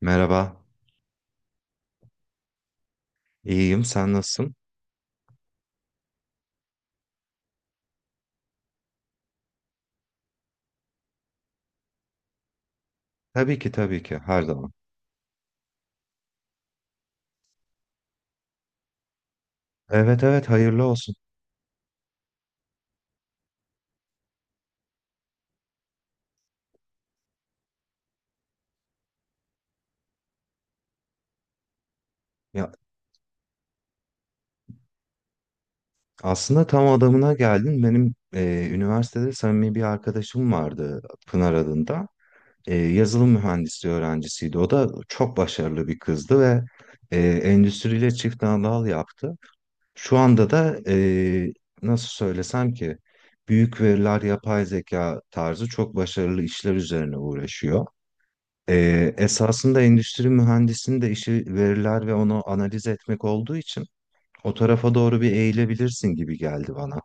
Merhaba, iyiyim. Sen nasılsın? Tabii ki, tabii ki. Her zaman. Evet, evet. Hayırlı olsun. Ya aslında tam adamına geldin. Benim üniversitede samimi bir arkadaşım vardı, Pınar adında. Yazılım mühendisliği öğrencisiydi. O da çok başarılı bir kızdı ve endüstriyle çift dal yaptı. Şu anda da nasıl söylesem ki büyük veriler, yapay zeka tarzı çok başarılı işler üzerine uğraşıyor. Esasında endüstri mühendisinin de işi veriler ve onu analiz etmek olduğu için o tarafa doğru bir eğilebilirsin gibi geldi bana.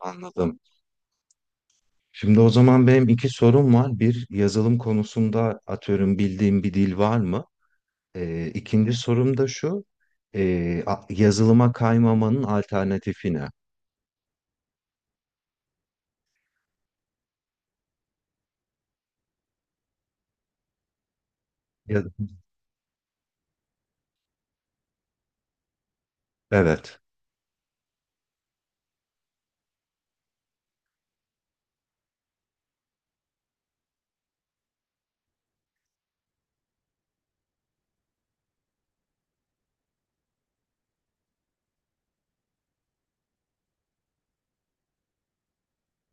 Anladım. Şimdi o zaman benim iki sorum var. Bir, yazılım konusunda atıyorum bildiğim bir dil var mı? İkinci sorum da şu. Yazılıma kaymamanın alternatifi ne? Ya- evet.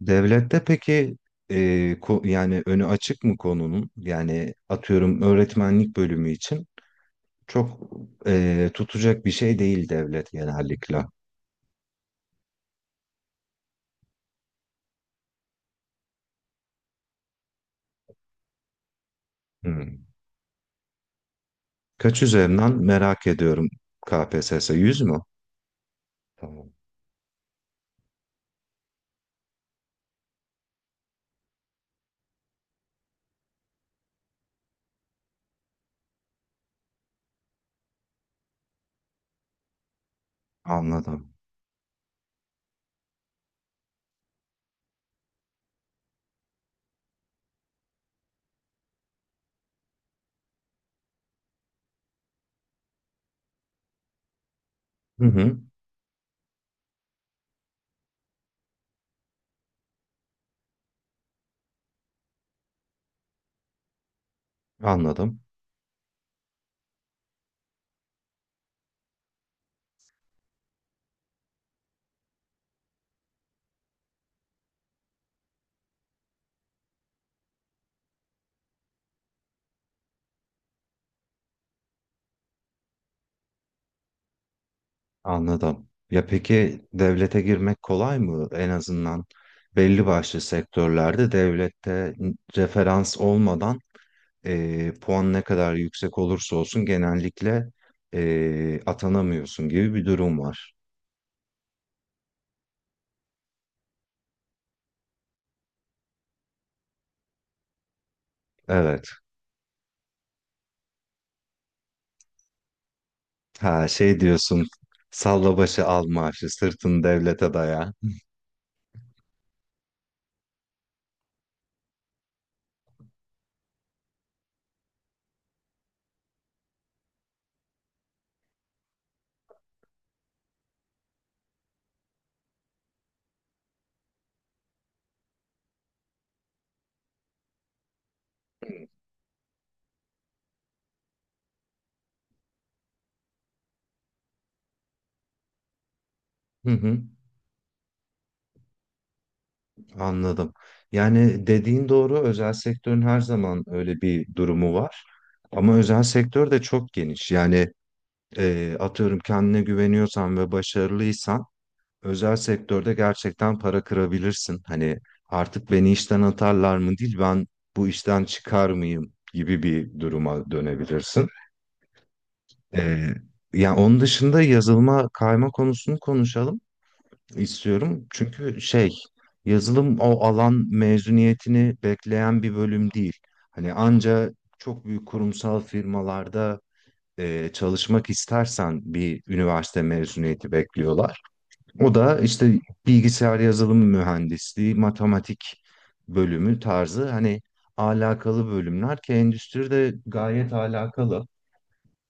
Devlette peki e, yani önü açık mı konunun? Yani atıyorum öğretmenlik bölümü için çok tutacak bir şey değil devlet genellikle. Hmm. Kaç üzerinden merak ediyorum. KPSS 100 mü? Tamam. Anladım. Hı hı, anladım. Anladım. Ya peki devlete girmek kolay mı? En azından belli başlı sektörlerde devlette referans olmadan puan ne kadar yüksek olursa olsun genellikle atanamıyorsun gibi bir durum var. Evet. Ha, şey diyorsun: salla başı al maaşı, sırtını devlete daya. Hı hı, anladım. Yani dediğin doğru, özel sektörün her zaman öyle bir durumu var. Ama özel sektör de çok geniş. Yani atıyorum kendine güveniyorsan ve başarılıysan özel sektörde gerçekten para kırabilirsin. Hani artık beni işten atarlar mı değil, ben bu işten çıkar mıyım gibi bir duruma dönebilirsin. Eee yani onun dışında yazılıma kayma konusunu konuşalım istiyorum. Çünkü şey, yazılım o alan mezuniyetini bekleyen bir bölüm değil. Hani anca çok büyük kurumsal firmalarda çalışmak istersen bir üniversite mezuniyeti bekliyorlar. O da işte bilgisayar yazılım mühendisliği, matematik bölümü tarzı hani alakalı bölümler, ki endüstride gayet alakalı.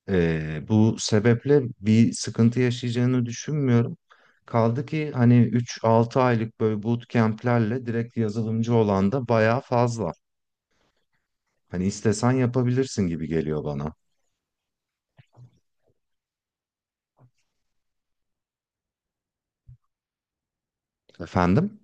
Bu sebeple bir sıkıntı yaşayacağını düşünmüyorum. Kaldı ki hani 3-6 aylık böyle bootcamp'lerle direkt yazılımcı olan da bayağı fazla. Hani istesen yapabilirsin gibi geliyor bana. Efendim?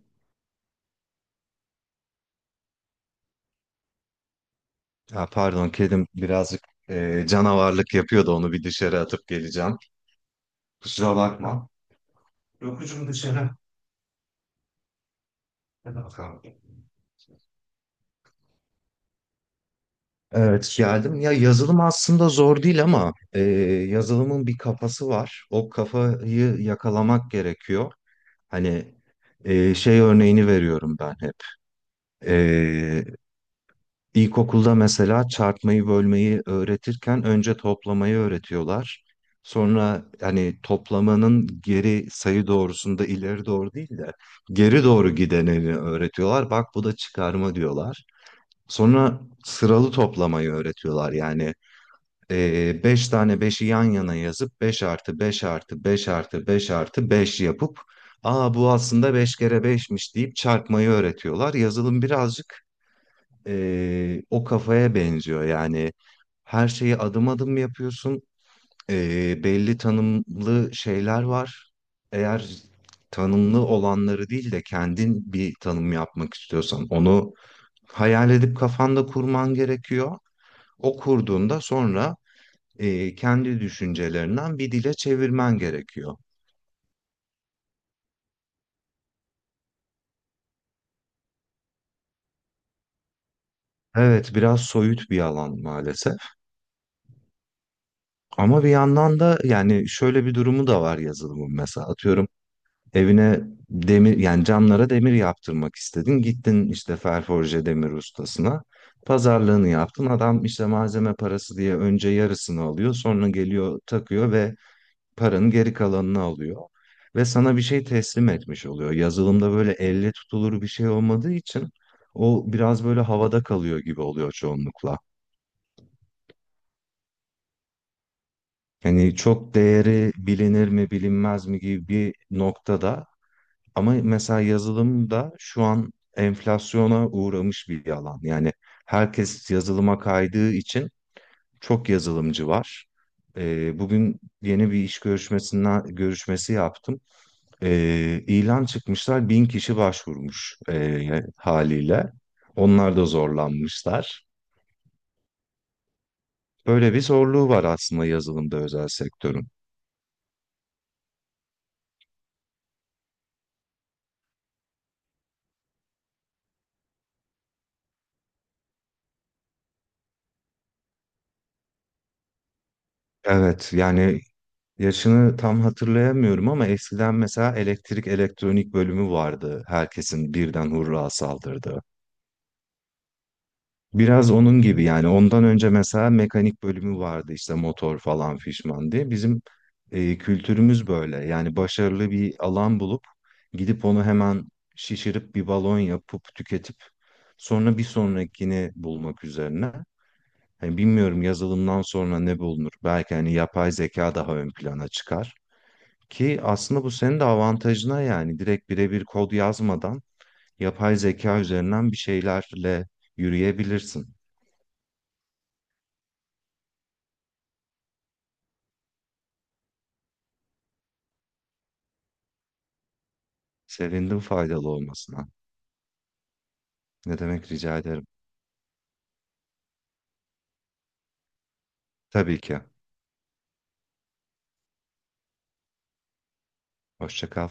Ha, pardon, kedim birazcık canavarlık yapıyordu, onu bir dışarı atıp geleceğim. Kusura bakma. Yokucum dışarı. Hadi bakalım. Evet, geldim. Ya yazılım aslında zor değil ama yazılımın bir kafası var. O kafayı yakalamak gerekiyor. Hani şey örneğini veriyorum ben hep. E, İlkokulda mesela çarpmayı bölmeyi öğretirken önce toplamayı öğretiyorlar. Sonra hani toplamanın geri sayı doğrusunda ileri doğru değil de geri doğru gideneni öğretiyorlar. Bak, bu da çıkarma diyorlar. Sonra sıralı toplamayı öğretiyorlar. Yani 5 tane beşi yan yana yazıp 5 artı 5 artı 5 artı 5 artı beş yapıp, aa bu aslında 5 kere beşmiş deyip çarpmayı öğretiyorlar. Yazılım birazcık o kafaya benziyor. Yani her şeyi adım adım yapıyorsun. Belli tanımlı şeyler var. Eğer tanımlı olanları değil de kendin bir tanım yapmak istiyorsan onu hayal edip kafanda kurman gerekiyor. O kurduğunda sonra kendi düşüncelerinden bir dile çevirmen gerekiyor. Evet, biraz soyut bir alan maalesef. Ama bir yandan da yani şöyle bir durumu da var yazılımın mesela. Atıyorum, evine demir, yani camlara demir yaptırmak istedin. Gittin işte ferforje demir ustasına. Pazarlığını yaptın. Adam işte malzeme parası diye önce yarısını alıyor. Sonra geliyor takıyor ve paranın geri kalanını alıyor. Ve sana bir şey teslim etmiş oluyor. Yazılımda böyle elle tutulur bir şey olmadığı için o biraz böyle havada kalıyor gibi oluyor çoğunlukla. Yani çok değeri bilinir mi bilinmez mi gibi bir noktada. Ama mesela yazılım da şu an enflasyona uğramış bir alan. Yani herkes yazılıma kaydığı için çok yazılımcı var. Bugün yeni bir iş görüşmesi yaptım. İlan çıkmışlar, 1.000 kişi başvurmuş haliyle. Onlar da zorlanmışlar. Böyle bir zorluğu var aslında yazılımda özel sektörün. Evet yani yaşını tam hatırlayamıyorum ama eskiden mesela elektrik elektronik bölümü vardı. Herkesin birden hurra saldırdı. Biraz onun gibi, yani ondan önce mesela mekanik bölümü vardı işte motor falan fişman diye. Bizim kültürümüz böyle yani: başarılı bir alan bulup gidip onu hemen şişirip bir balon yapıp tüketip sonra bir sonrakini bulmak üzerine. Hani bilmiyorum yazılımdan sonra ne bulunur, belki hani yapay zeka daha ön plana çıkar. Ki aslında bu senin de avantajına, yani direkt birebir kod yazmadan yapay zeka üzerinden bir şeylerle yürüyebilirsin. Sevindim faydalı olmasına. Ne demek, rica ederim. Tabii ki. Hoşça kal.